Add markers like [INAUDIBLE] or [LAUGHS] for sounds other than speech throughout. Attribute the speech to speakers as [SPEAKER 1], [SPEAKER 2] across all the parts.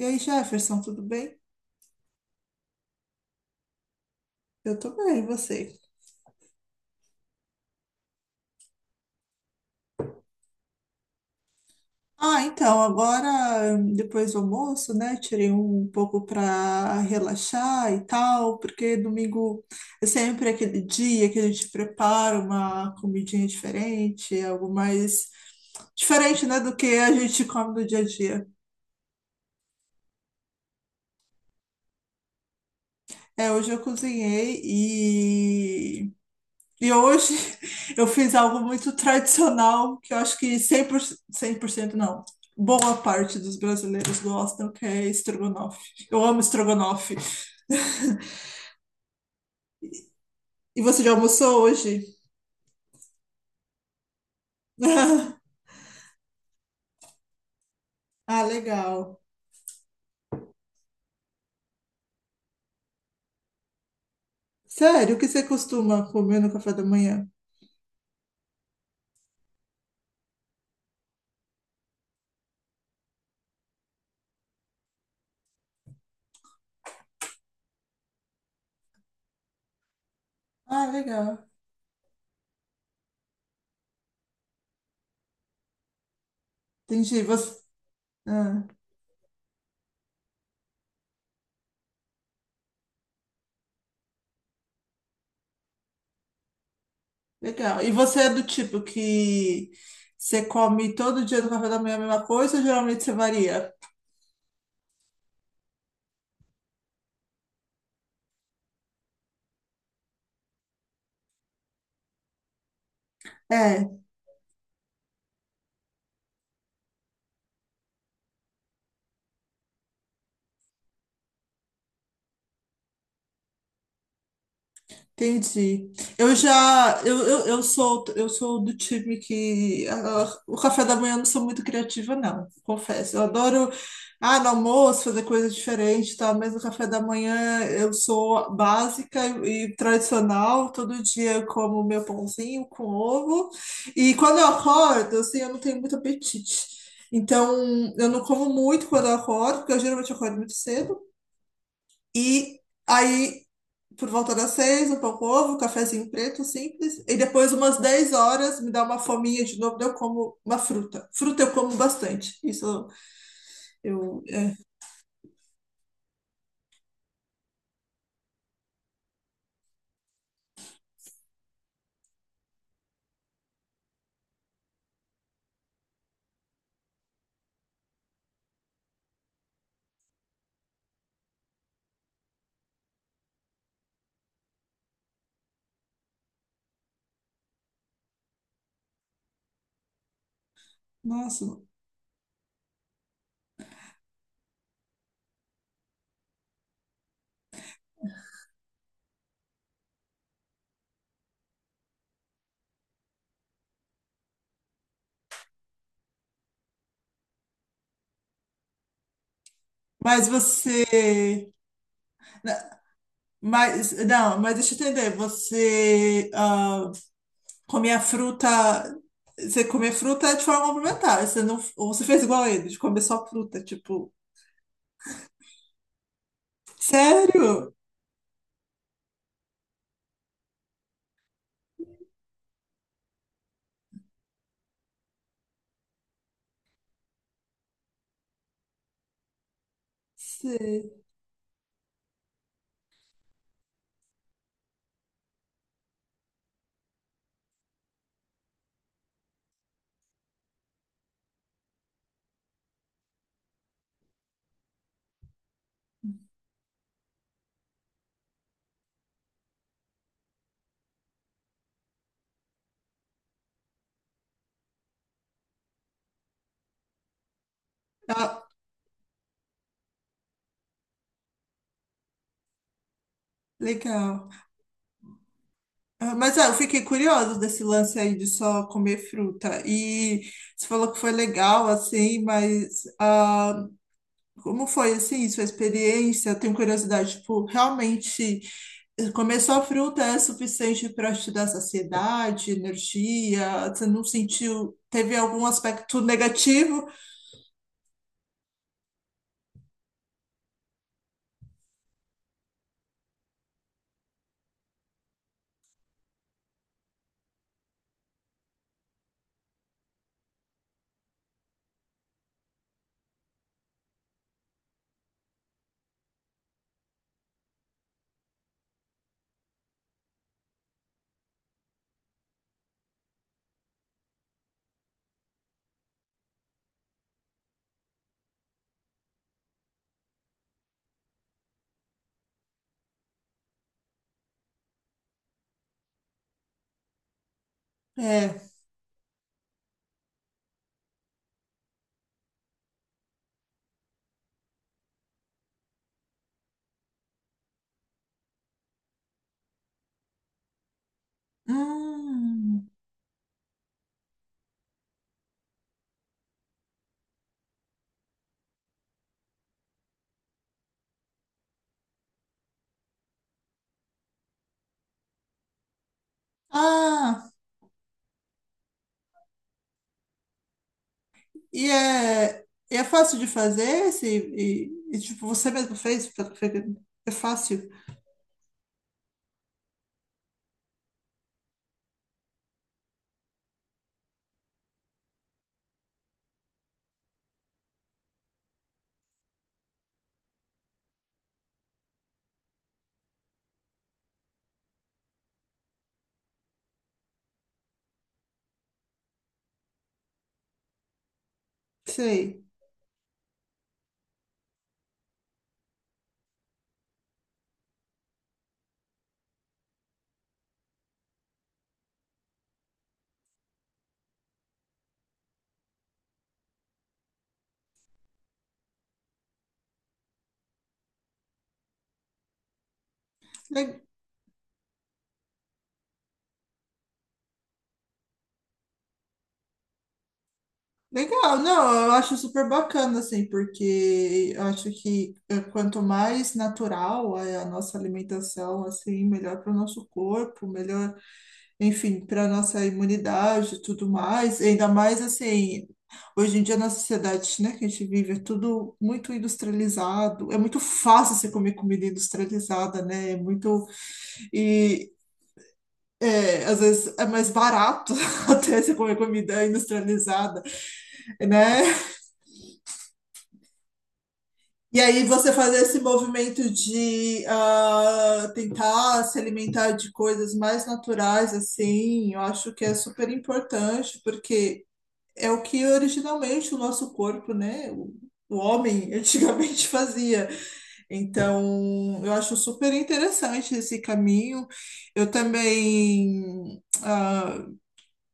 [SPEAKER 1] E aí, Jefferson, tudo bem? Eu tô bem, e você? Agora, depois do almoço, né, tirei um pouco para relaxar e tal, porque domingo é sempre aquele dia que a gente prepara uma comidinha diferente, algo mais diferente, né, do que a gente come no dia a dia. É, hoje eu cozinhei. E hoje [LAUGHS] eu fiz algo muito tradicional que eu acho que cem por cento não. Boa parte dos brasileiros gostam, que é estrogonofe. Eu amo estrogonofe. E você já almoçou hoje? [LAUGHS] Ah, legal. Sério, o que você costuma comer no café da manhã? Ah, legal. Entendi. Você... Ah, legal. E você é do tipo que você come todo dia no café da manhã a mesma coisa ou geralmente você varia? É. Entendi. Eu já, eu sou do time que ah, o café da manhã eu não sou muito criativa, não, confesso. Eu adoro, ah, no almoço fazer coisa diferente, tá? Mas no café da manhã eu sou básica e tradicional. Todo dia eu como meu pãozinho com ovo. E quando eu acordo, assim, eu não tenho muito apetite. Então, eu não como muito quando eu acordo, porque eu geralmente acordo muito cedo. E aí por volta das 6h, um pão com ovo, um cafezinho preto, simples. E depois, umas 10 horas, me dá uma fominha de novo, daí eu como uma fruta. Fruta eu como bastante. Isso eu. É, nossa. Mas você. Na- Mas, não, mas deixa eu entender. Você ah, come a fruta. Você come a fruta de forma complementar. Você não, ou você fez igual a ele, de comer só fruta. Tipo, sério? Sim. Ah, legal. Ah, mas ah, eu fiquei curioso desse lance aí de só comer fruta. E você falou que foi legal, assim, mas ah, como foi, assim, sua experiência? Eu tenho curiosidade, tipo, realmente comer só fruta é suficiente para te dar saciedade, energia? Você não sentiu, teve algum aspecto negativo? É. Hum. Ah, e é, é fácil de fazer? Esse, tipo, você mesmo fez? Foi- foi- É fácil? Sei. Le- Legal, não, eu acho super bacana, assim, porque eu acho que quanto mais natural é a nossa alimentação, assim, melhor para o nosso corpo, melhor, enfim, para a nossa imunidade e tudo mais. Ainda mais, assim, hoje em dia na sociedade, né, que a gente vive, é tudo muito industrializado, é muito fácil você comer comida industrializada, né, é muito, e... é, às vezes é mais barato [LAUGHS] até você comer comida industrializada, né? E aí você fazer esse movimento de ah, tentar se alimentar de coisas mais naturais, assim, eu acho que é super importante, porque é o que originalmente o nosso corpo, né? O homem [LAUGHS] antigamente fazia. Então, eu acho super interessante esse caminho. Eu também ah,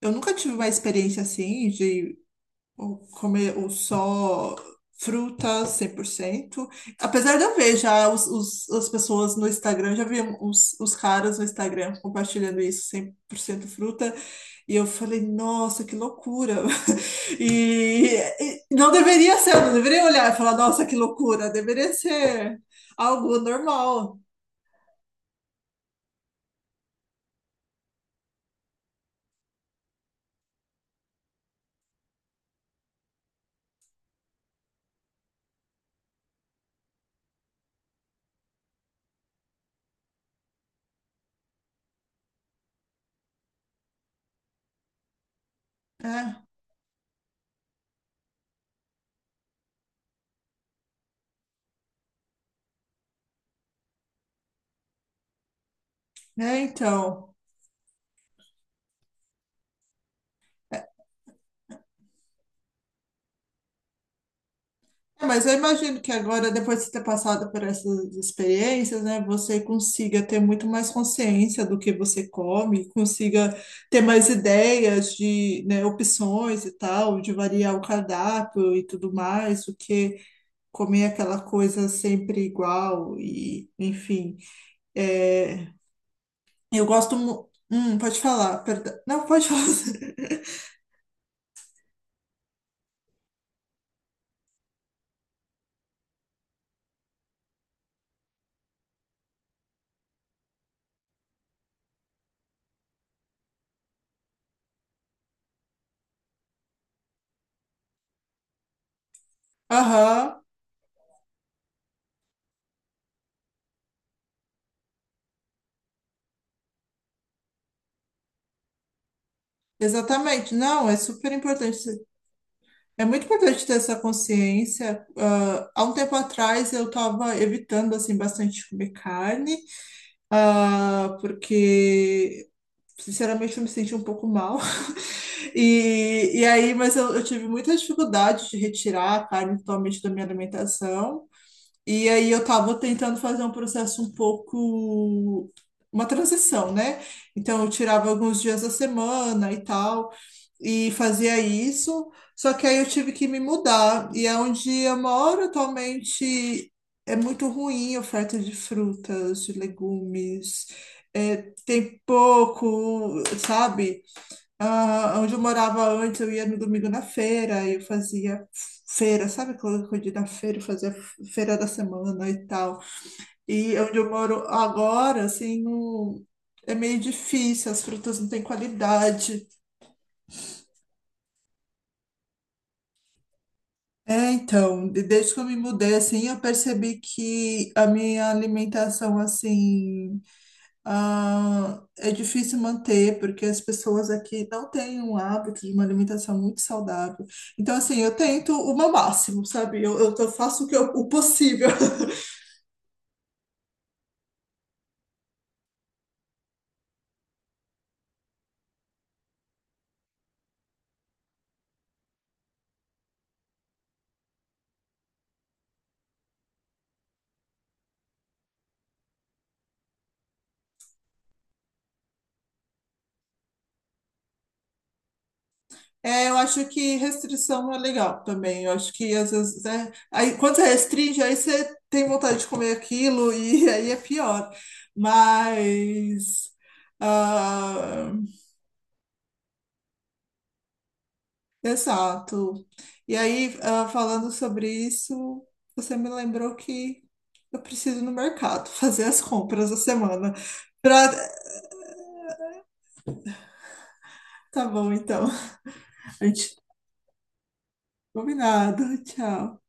[SPEAKER 1] eu nunca tive uma experiência assim de ou comer ou só frutas 100%. Apesar de eu ver já os- as pessoas no Instagram, já vi os caras no Instagram compartilhando isso, 100% fruta, e eu falei, nossa, que loucura. [LAUGHS] E, e não deveria ser, eu não deveria olhar e falar, nossa, que loucura, deveria ser algo normal. Né, é então. É, mas eu imagino que agora, depois de ter passado por essas experiências, né, você consiga ter muito mais consciência do que você come, consiga ter mais ideias de, né, opções e tal, de variar o cardápio e tudo mais, do que comer aquela coisa sempre igual e, enfim. É, eu gosto. Mu- pode falar, perdão. Não, pode falar. [LAUGHS] Aham, exatamente. Não, é super importante. É muito importante ter essa consciência. Ah, há um tempo atrás eu estava evitando assim bastante comer carne, ah, porque sinceramente eu me senti um pouco mal. [LAUGHS] E, e aí, mas eu tive muita dificuldade de retirar a carne totalmente da minha alimentação. E aí eu estava tentando fazer um processo um pouco uma transição, né? Então eu tirava alguns dias da semana e tal e fazia isso, só que aí eu tive que me mudar. E é onde eu moro atualmente é muito ruim a oferta de frutas, de legumes, é, tem pouco, sabe? Ah, onde eu morava antes, eu ia no domingo na feira, eu fazia feira, sabe? Quando eu ia na feira, eu fazia feira da semana e tal. E onde eu moro agora, assim, não- é meio difícil, as frutas não têm qualidade. É, então, de- desde que eu me mudei, assim, eu percebi que a minha alimentação, assim, ah, é difícil manter, porque as pessoas aqui não têm um hábito de uma alimentação muito saudável. Então, assim, eu tento o meu máximo, sabe? Eu tô- faço o que eu- o possível. [LAUGHS] É, eu acho que restrição é legal também. Eu acho que às vezes, né? Aí, quando você restringe, aí você tem vontade de comer aquilo e [LAUGHS] aí é pior. Mas. Ah, exato. E aí, ah, falando sobre isso, você me lembrou que eu preciso ir no mercado [LAUGHS] fazer as compras da semana. Pra... Tá bom, então. [LAUGHS] A gente combinado. Tchau.